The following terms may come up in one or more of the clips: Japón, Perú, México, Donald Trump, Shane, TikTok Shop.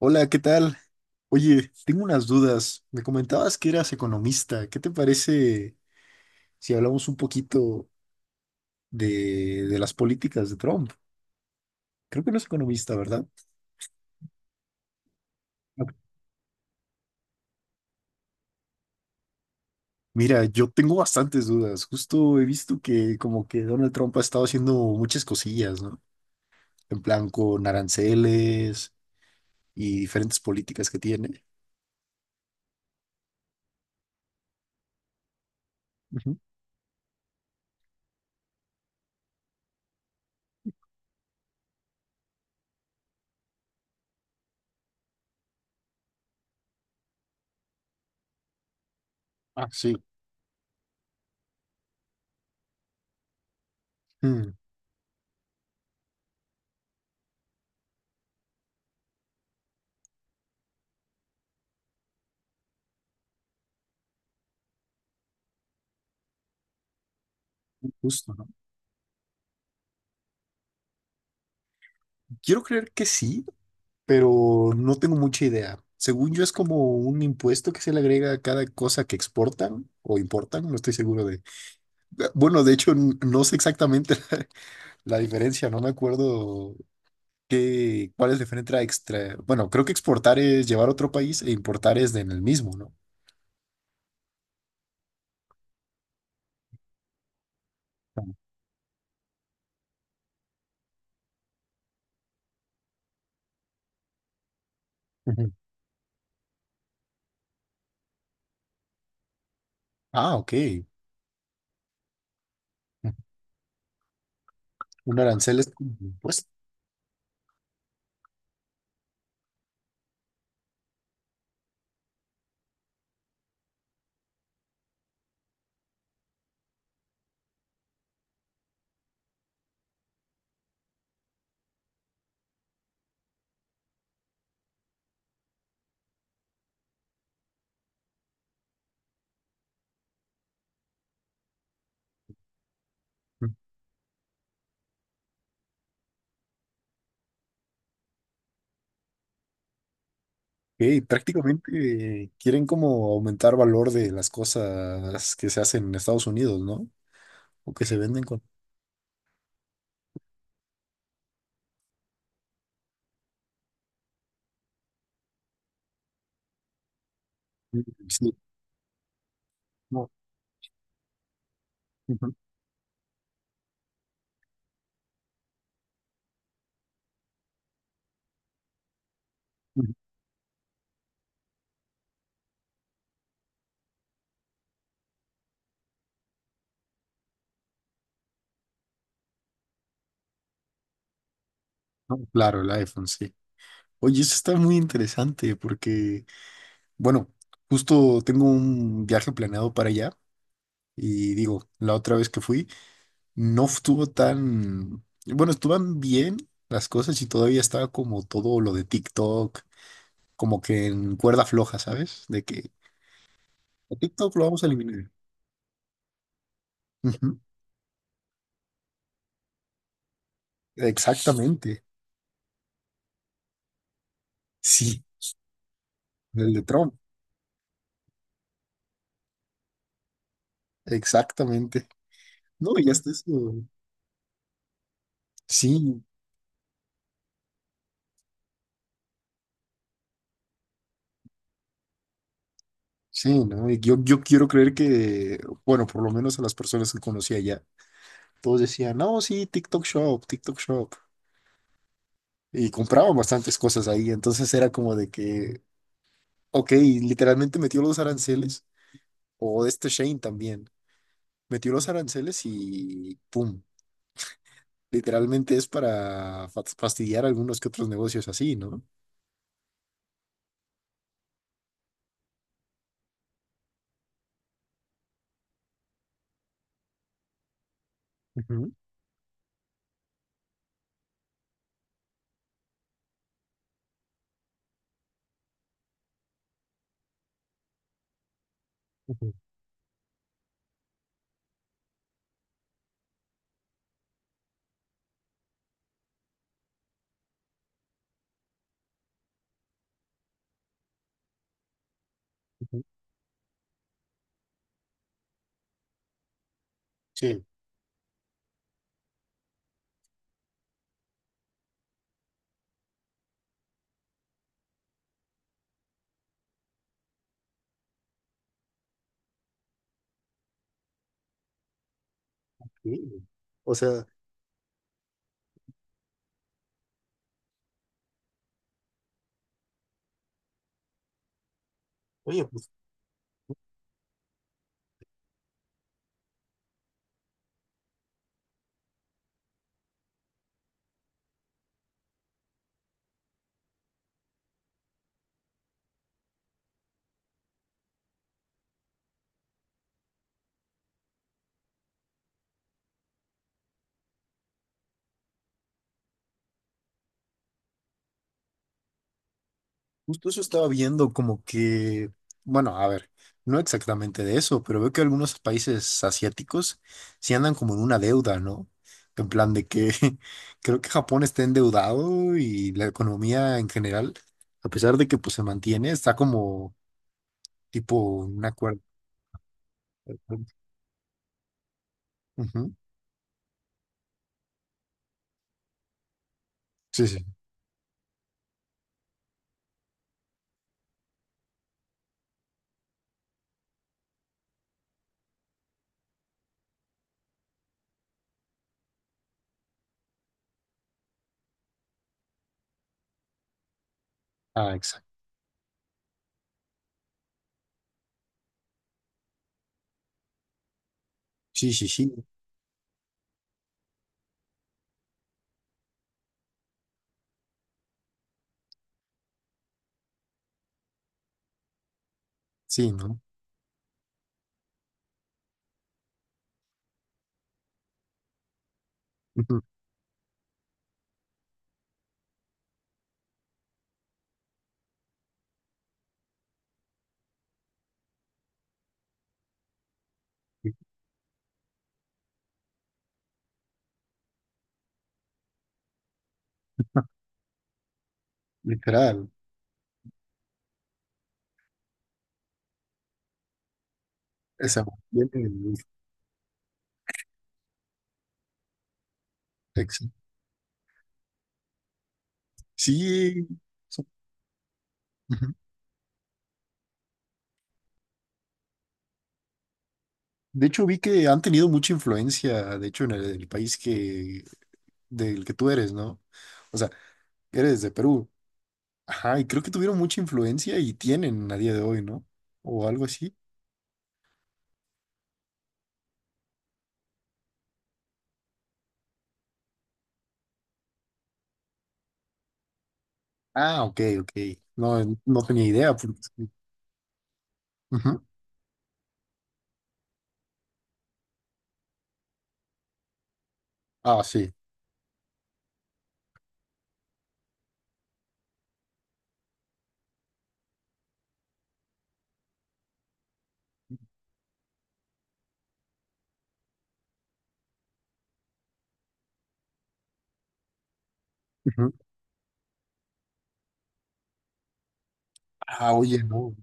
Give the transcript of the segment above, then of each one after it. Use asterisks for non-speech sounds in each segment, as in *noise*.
Hola, ¿qué tal? Oye, tengo unas dudas. Me comentabas que eras economista. ¿Qué te parece si hablamos un poquito de las políticas de Trump? Creo que no es economista, ¿verdad? Ok. Mira, yo tengo bastantes dudas. Justo he visto que como que Donald Trump ha estado haciendo muchas cosillas, ¿no? En plan con aranceles y diferentes políticas que tiene. Ujú. Ah, sí. Mm, justo, ¿no? Quiero creer que sí, pero no tengo mucha idea. Según yo es como un impuesto que se le agrega a cada cosa que exportan o importan, no estoy seguro de... Ah, bueno, de hecho, no sé exactamente *laughs* la diferencia, no me acuerdo cuál es la diferencia extra. Bueno, creo que exportar es llevar a otro país e importar es de en el mismo, ¿no? Ujú. Ah, ok. Un arancel es como un impuesto. Ok, prácticamente quieren como aumentar valor de las cosas que se hacen en Estados Unidos, ¿no? O que se venden con... Mm, sí, no, ujú, ujú, no, claro, el iPhone, sí. Oye, eso está muy interesante porque, bueno, justo tengo un viaje planeado para allá y digo, la otra vez que fui, no estuvo tan, bueno, estuvieron bien las cosas y todavía estaba como todo lo de TikTok, como que en cuerda floja, ¿sabes? De que a TikTok lo vamos a eliminar. Ujú. Exactamente, sí, el de Trump, exactamente. No, y hasta eso. Sí, sí, ¿no? Y yo quiero creer que, bueno, por lo menos a las personas que conocí allá, todos decían, no, sí, TikTok Shop, TikTok Shop. Y compraban bastantes cosas ahí. Entonces era como de que, ok, literalmente metió los aranceles, o este Shane también, metió los aranceles y pum, literalmente es para fastidiar algunos que otros negocios así, ¿no? Ujú, ujú, ujú. Sí, sí. O sea, justo eso estaba viendo como que, bueno, a ver, no exactamente de eso, pero veo que algunos países asiáticos sí andan como en una deuda, ¿no? En plan de que *laughs* creo que Japón está endeudado y la economía en general, a pesar de que pues se mantiene, está como tipo un acuerdo. Ujú. Sí, sí. Ah, exacto. Sí, sí, sí. Sí, ¿no? Ujú. Literal. Se mantiene. Exacto. Sí. De hecho, vi que han tenido mucha influencia, de hecho, en el país del que tú eres, ¿no? O sea, eres de Perú. Ajá, y creo que tuvieron mucha influencia y tienen a día de hoy, ¿no? O algo así. Ah, ok, ok. No, no tenía idea. Sí. Ujú. Ah, sí. Ujú. Ah, oye, no.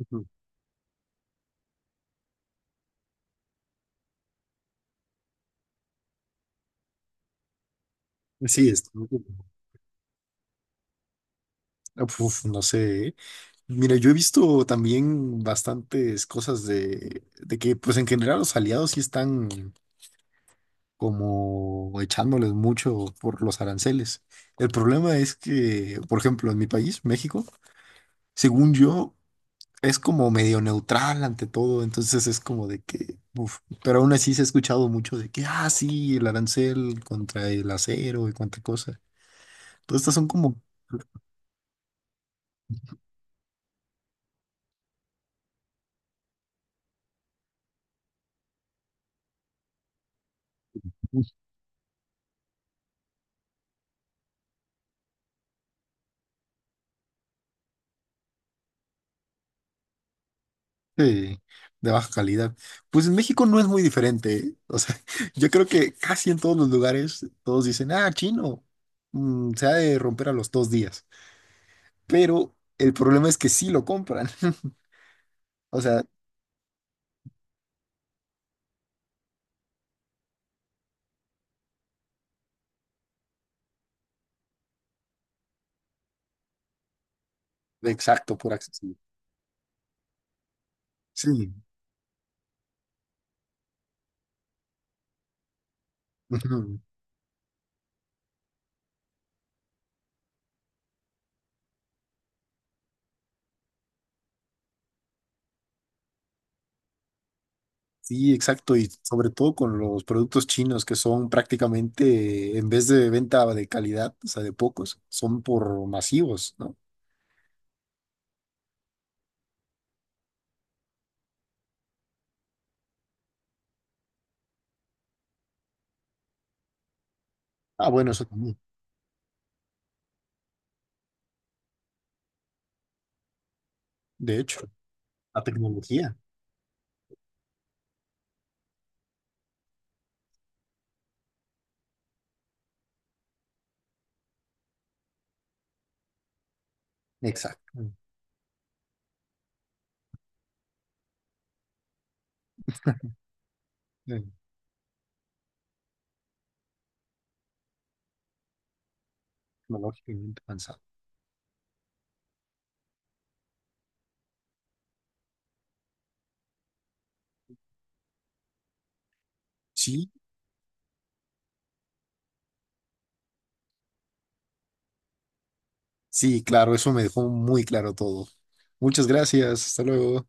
Ujú. Sí, uf, no sé. ¿Eh? Mira, yo he visto también bastantes cosas de que, pues en general los aliados sí están como echándoles mucho por los aranceles. El problema es que, por ejemplo, en mi país, México, según yo, es como medio neutral ante todo, entonces es como de que, uf, pero aún así se ha escuchado mucho de que, ah, sí, el arancel contra el acero y cuánta cosa. Todas estas son como eh, de baja calidad. Pues en México no es muy diferente, ¿eh? O sea, *laughs* yo creo que casi en todos los lugares todos dicen, ah, chino, se ha de romper a los 2 días. Pero el problema es que sí lo compran. *laughs* O sea, exacto, por accesible. Sí, ujú, sí, exacto. Y sobre todo con los productos chinos que son prácticamente, en vez de venta de calidad, o sea, de pocos, son por masivos, ¿no? Ah, bueno, eso también. De hecho, la tecnología. Exacto. eh, Tecnológicamente avanzado. Sí, sí, claro, eso me dejó muy claro todo. Muchas gracias. Hasta luego.